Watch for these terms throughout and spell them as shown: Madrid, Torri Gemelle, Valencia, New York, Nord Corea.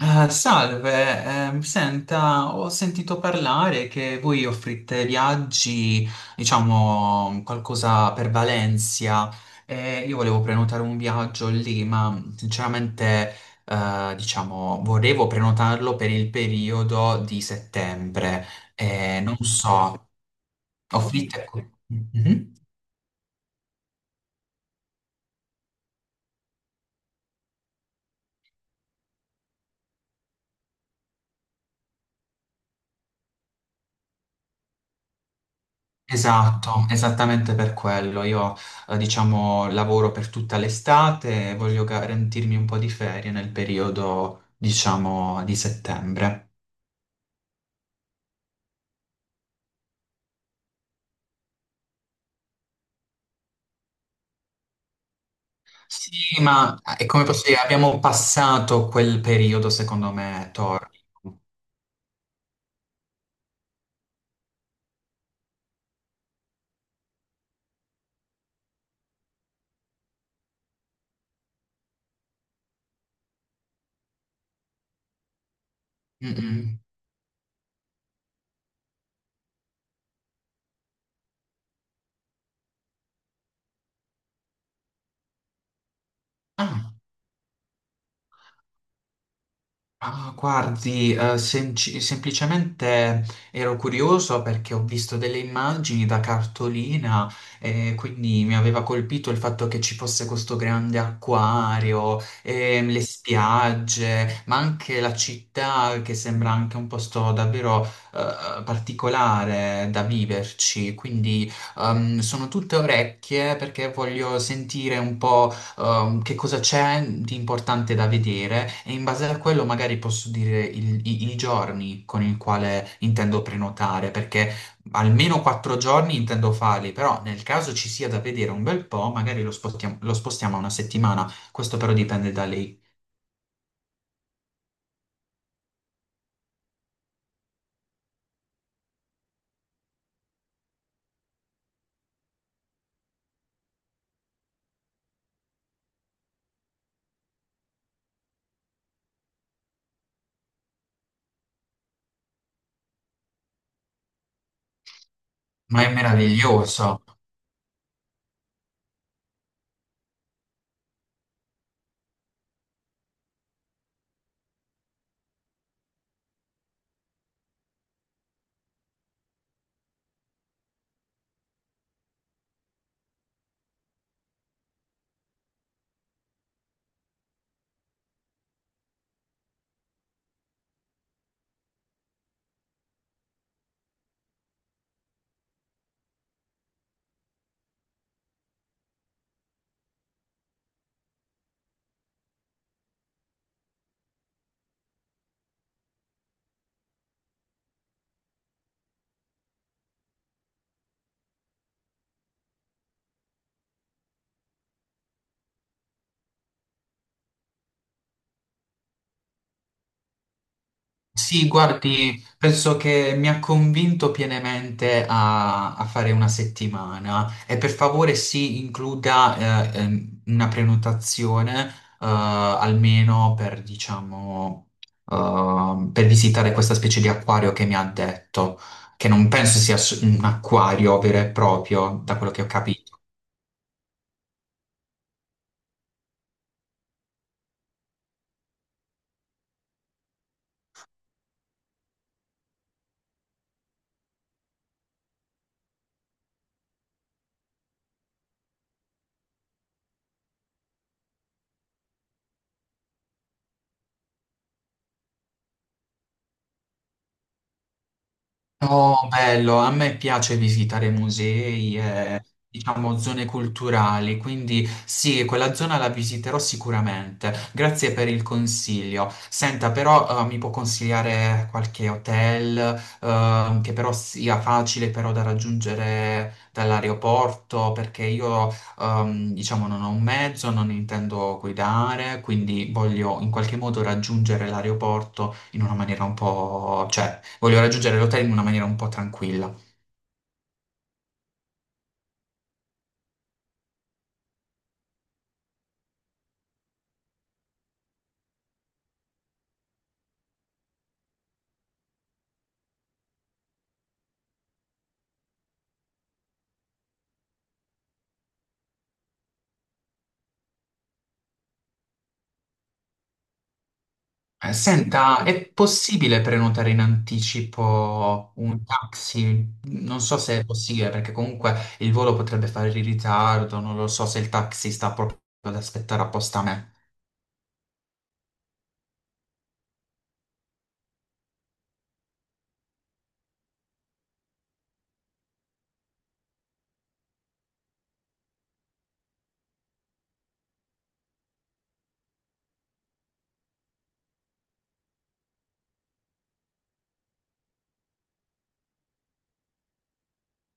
Salve, senta, ho sentito parlare che voi offrite viaggi, diciamo, qualcosa per Valencia, e io volevo prenotare un viaggio lì, ma sinceramente, diciamo, volevo prenotarlo per il periodo di settembre. Non so, offrite... Mhm. Esatto, esattamente per quello. Diciamo, lavoro per tutta l'estate e voglio garantirmi un po' di ferie nel periodo, diciamo, di settembre. Sì, ma come posso dire, abbiamo passato quel periodo, secondo me, Tor. Mm-mm. Ah. Ah, guardi, semplicemente ero curioso perché ho visto delle immagini da cartolina e quindi mi aveva colpito il fatto che ci fosse questo grande acquario, e le spiagge, ma anche la città che sembra anche un posto davvero particolare da viverci. Quindi sono tutte orecchie perché voglio sentire un po' che cosa c'è di importante da vedere e in base a quello magari posso dire i giorni con il quale intendo prenotare, perché almeno quattro giorni intendo farli, però nel caso ci sia da vedere un bel po', magari lo spostiamo a una settimana, questo però dipende da lei. Ma è meraviglioso. Sì, guardi, penso che mi ha convinto pienamente a fare una settimana e per favore si includa una prenotazione almeno per, diciamo, per visitare questa specie di acquario che mi ha detto, che non penso sia un acquario vero e proprio, da quello che ho capito. Oh, bello, a me piace visitare musei e, diciamo, zone culturali, quindi sì, quella zona la visiterò sicuramente. Grazie per il consiglio. Senta, però, mi può consigliare qualche hotel, che però sia facile però da raggiungere dall'aeroporto, perché io, diciamo, non ho un mezzo, non intendo guidare, quindi voglio in qualche modo raggiungere l'aeroporto in una maniera un po', cioè voglio raggiungere l'hotel in una maniera un po' tranquilla. Senta, è possibile prenotare in anticipo un taxi? Non so se è possibile, perché comunque il volo potrebbe fare in ritardo, non lo so se il taxi sta proprio ad aspettare apposta a me.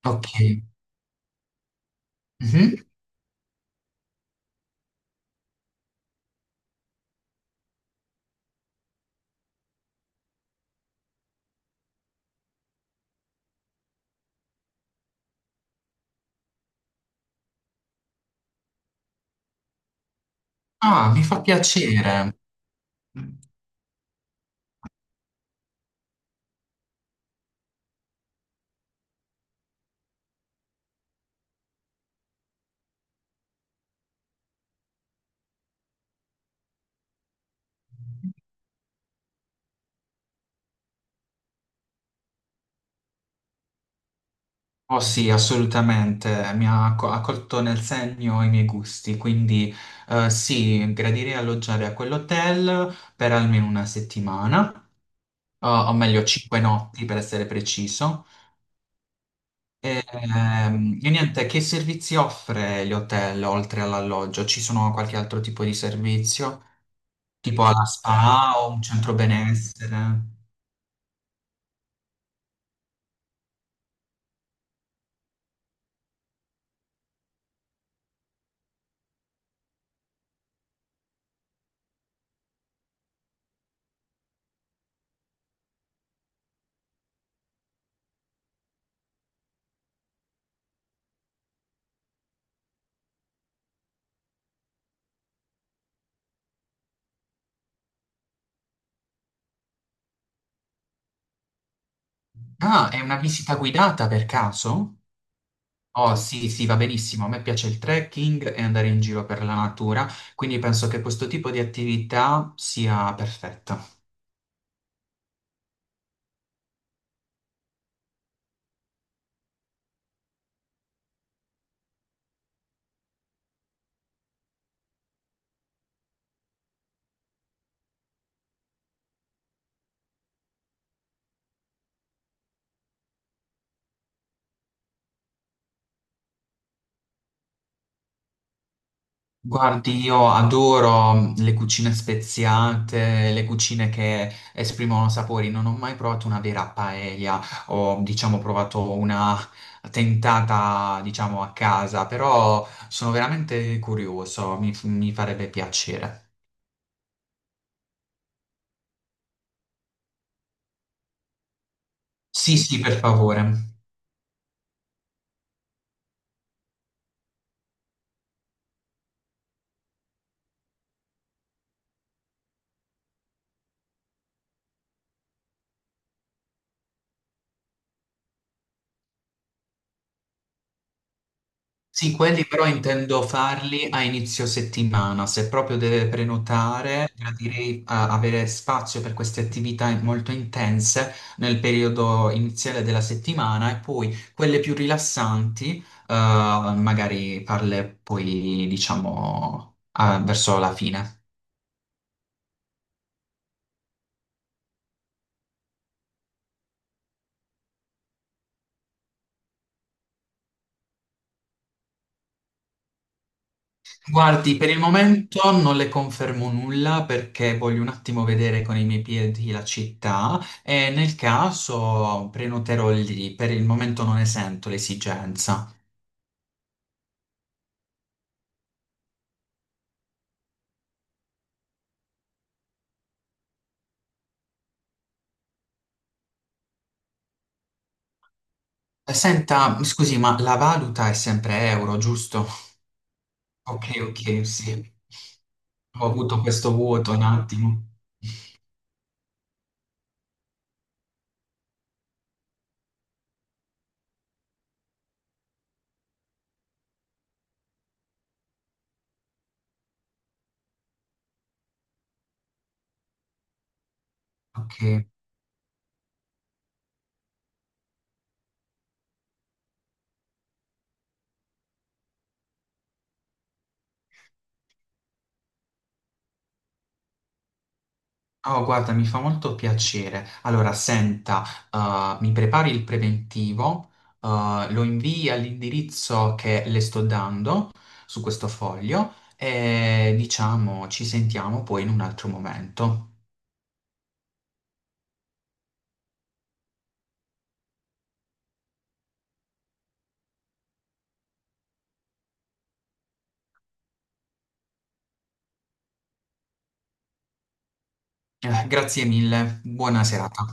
Ok. Mhm. Ah, mi fa piacere. Oh sì, assolutamente, mi ha ha colto nel segno i miei gusti, quindi sì, gradirei alloggiare a quell'hotel per almeno una settimana. O meglio 5 notti per essere preciso. E niente, che servizi offre gli hotel oltre all'alloggio? Ci sono qualche altro tipo di servizio? Tipo alla spa o un centro benessere? Ah, è una visita guidata per caso? Oh sì, sì, va benissimo. A me piace il trekking e andare in giro per la natura, quindi penso che questo tipo di attività sia perfetta. Guardi, io adoro mm, le cucine speziate, le cucine che esprimono sapori. Non ho mai provato una vera paella, ho diciamo provato una tentata diciamo a casa, però sono veramente curioso, mi farebbe piacere. Sì, sì, per favore. Sì, quelli però intendo farli a inizio settimana, se proprio deve prenotare, gradirei avere spazio per queste attività molto intense nel periodo iniziale della settimana e poi quelle più rilassanti, magari farle poi, diciamo, ah, verso la fine. Guardi, per il momento non le confermo nulla perché voglio un attimo vedere con i miei piedi la città e nel caso prenoterò lì, per il momento non ne sento l'esigenza. Senta, scusi, ma la valuta è sempre euro, giusto? Ok, ok, sì. Ho avuto questo vuoto un attimo. Ok. Oh, guarda, mi fa molto piacere. Allora, senta, mi prepari il preventivo, lo invii all'indirizzo che le sto dando su questo foglio e diciamo ci sentiamo poi in un altro momento. Grazie mille, buona serata.